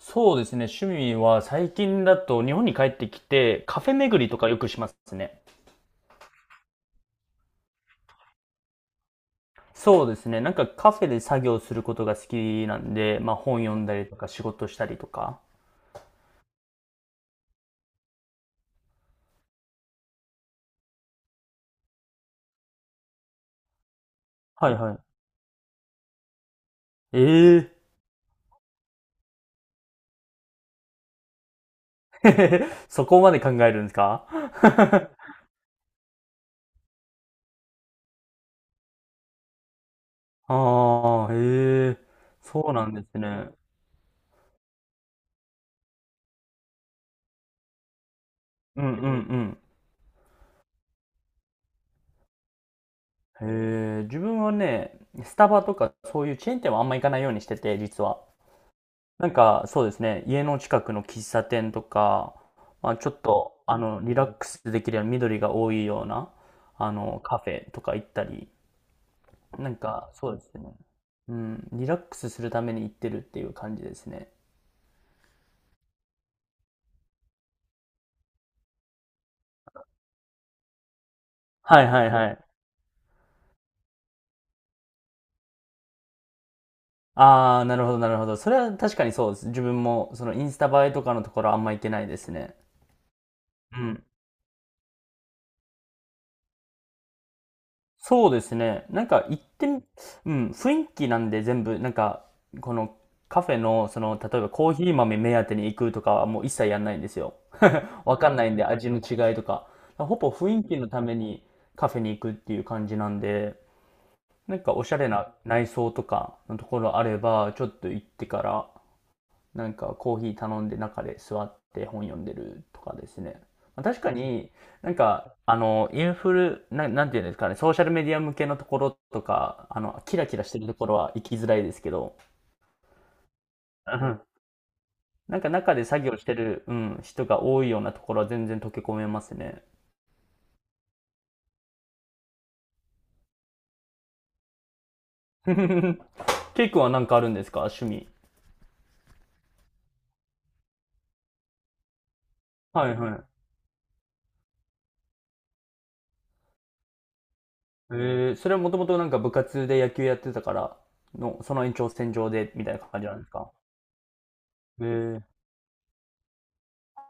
そうですね。趣味は最近だと日本に帰ってきてカフェ巡りとかよくしますね。そうですね。なんかカフェで作業することが好きなんで、まあ本読んだりとか仕事したりとか。はいはい。ええー そこまで考えるんですか？ ああ、へえ、そうなんですね。うんうんうん。へえ、自分はね、スタバとかそういうチェーン店はあんま行かないようにしてて、実は。なんか、そうですね。家の近くの喫茶店とか、まあ、ちょっと、リラックスできるような緑が多いような、カフェとか行ったり、なんか、そうですね。うん、リラックスするために行ってるっていう感じですね。はいはいはい。ああ、なるほどなるほど。それは確かにそうです。自分も、そのインスタ映えとかのところあんま行けないですね。うん、そうですね。なんか行ってみ、うん、雰囲気なんで全部、なんか、このカフェの、例えばコーヒー豆目当てに行くとかはもう一切やんないんですよ。わかんないんで味の違いとか。ほぼ雰囲気のためにカフェに行くっていう感じなんで、なんかおしゃれな内装とかのところあれば、ちょっと行ってからなんかコーヒー頼んで中で座って本読んでるとかですね。まあ、確かになんかあのインフルな、なんていうんですかね、ソーシャルメディア向けのところとか、キラキラしてるところは行きづらいですけど、うん、なんか中で作業してる、うん、人が多いようなところは全然溶け込めますね。ケイ君はなんかあるんですか趣味。はいはい。えー、それはもともとなんか部活で野球やってたからの、その延長線上でみたいな感じなんですか？えー、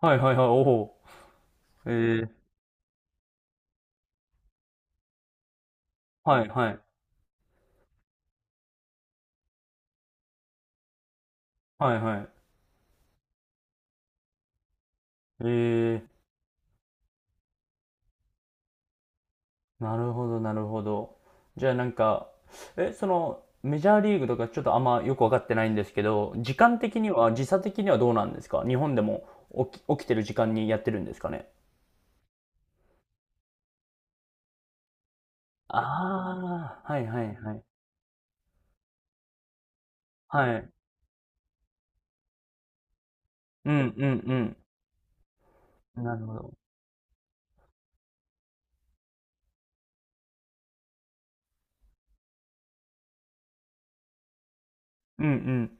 はいはいはい、おお。えー、はいはい。はいはい。えー、なるほどなるほど。じゃあなんか、え、その、メジャーリーグとかちょっとあんまよくわかってないんですけど、時間的には、時差的にはどうなんですか日本でも起きてる時間にやってるんですかね？ああー、はいはいはい。はい。うんうんうん。なるほど。うん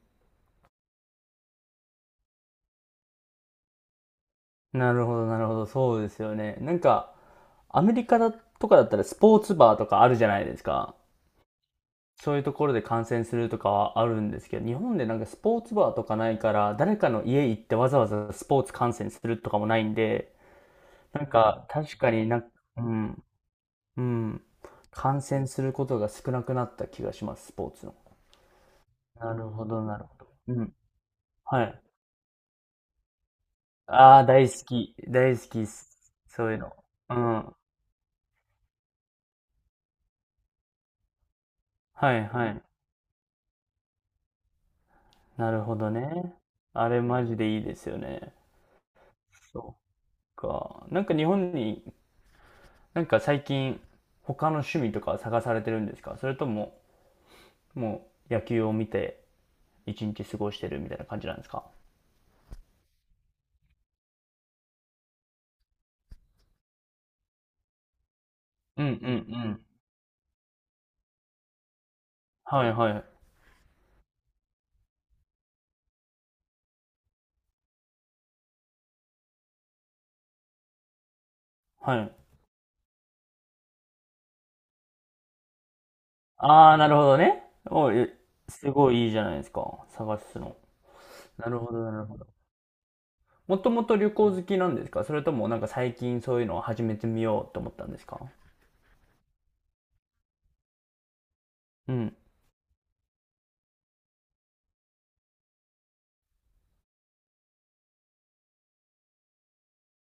うん。なるほどなるほど。そうですよね。なんか、アメリカだとかだったらスポーツバーとかあるじゃないですか。そういうところで観戦するとかはあるんですけど、日本でなんかスポーツバーとかないから、誰かの家行ってわざわざスポーツ観戦するとかもないんで、なんか確かになんか、うん、うん、観戦することが少なくなった気がします、スポーツの。なるほど、なるほど。うん、はい。ああ、大好き、大好きっす、そういうの。うん、はい、はい。なるほどね。あれマジでいいですよね。そっか。なんか日本に、なんか最近、他の趣味とか探されてるんですかそれとも、もう野球を見て一日過ごしてるみたいな感じなんですか？うんうんうん。はいはい。はい。ああ、なるほどね。おい、すごいいいじゃないですか。探すの。なるほど、なるほど。もともと旅行好きなんですかそれともなんか最近そういうのを始めてみようと思ったんですか？うん。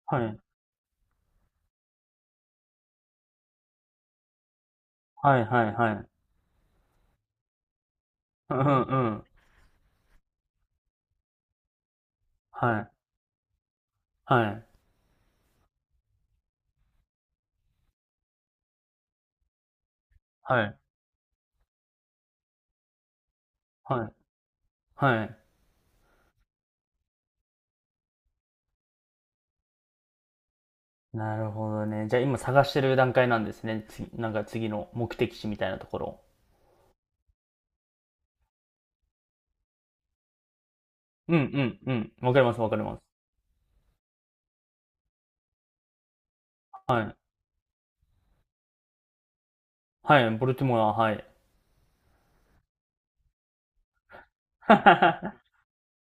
はい。はいはいはい。うんうんうん。はい。はい。はい。はい。はい。なるほどね。じゃあ今探してる段階なんですね。つ、なんか次の目的地みたいなところ。うんうんうん。わかりますわかります。はい。はい、ボルティモア、はい。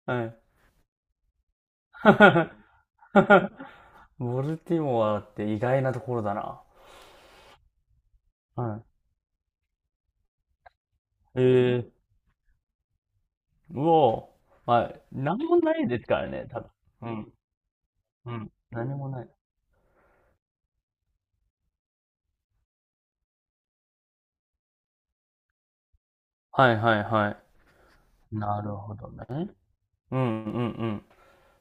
はい。ボルティモアって意外なところだな。はい。ええ、うおー。はい。何もないですからね、多分。うん。うん。何もない。はいはいはい。なるほどね。うんうんうん。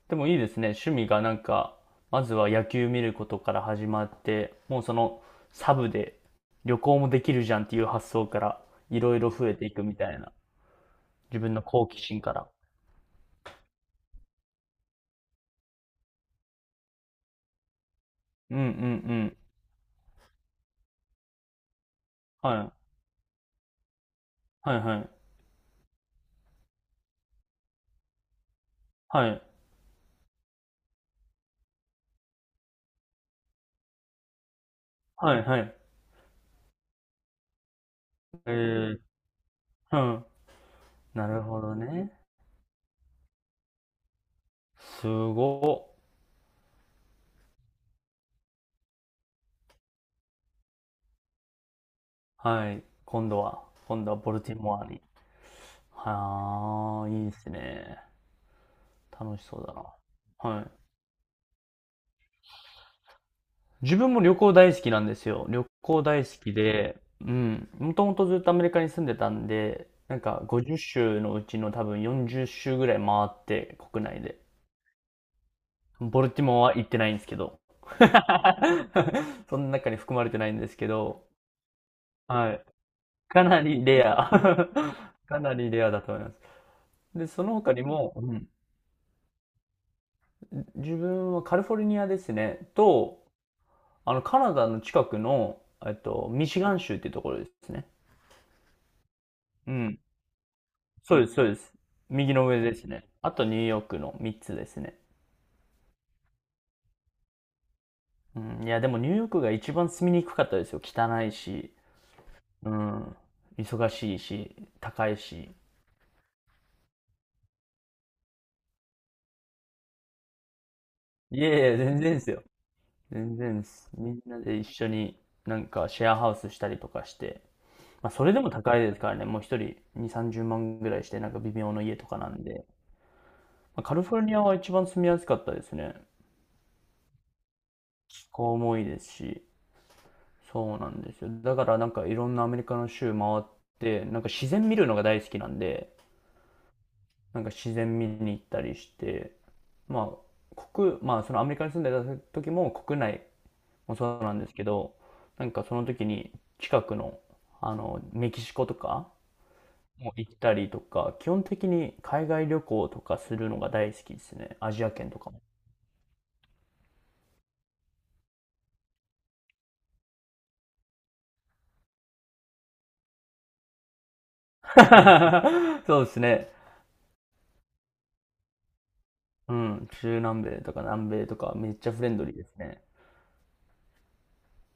でもいいですね。趣味がなんか、まずは野球見ることから始まって、もうそのサブで旅行もできるじゃんっていう発想からいろいろ増えていくみたいな。自分の好奇心から。うんうんうん。はい。はいはい。はい。はいはい。えー、うん。なるほどね。すごっ。はい。今度は、今度はボルティモアに。はあ、いいですね。楽しそうだな。はい。自分も旅行大好きなんですよ。旅行大好きで、うん。もともとずっとアメリカに住んでたんで、なんか50州のうちの多分40州ぐらい回って国内で。ボルティモアは行ってないんですけど。その中に含まれてないんですけど、はい。かなりレア。かなりレアだと思います。で、その他にも、うん、自分はカリフォルニアですね、と、あの、カナダの近くの、えっと、ミシガン州っていうところですね。うん。そうです、そうです。右の上ですね。あとニューヨークの3つですね。うん、いや、でもニューヨークが一番住みにくかったですよ。汚いし、うん、忙しいし、高いし。いやいや、全然ですよ。全然です。みんなで一緒になんかシェアハウスしたりとかして、まあ、それでも高いですからね。もう一人2、30万ぐらいして、なんか微妙な家とかなんで。まあ、カリフォルニアは一番住みやすかったですね。気候もいいですし。そうなんですよ。だからなんかいろんなアメリカの州回って、なんか自然見るのが大好きなんで、なんか自然見に行ったりして、まあ、国、まあそのアメリカに住んでた時も国内もそうなんですけど、なんかその時に近くの、メキシコとかも行ったりとか、基本的に海外旅行とかするのが大好きですね。アジア圏とかも。そうですね。うん、中南米とか南米とかめっちゃフレンドリーですね。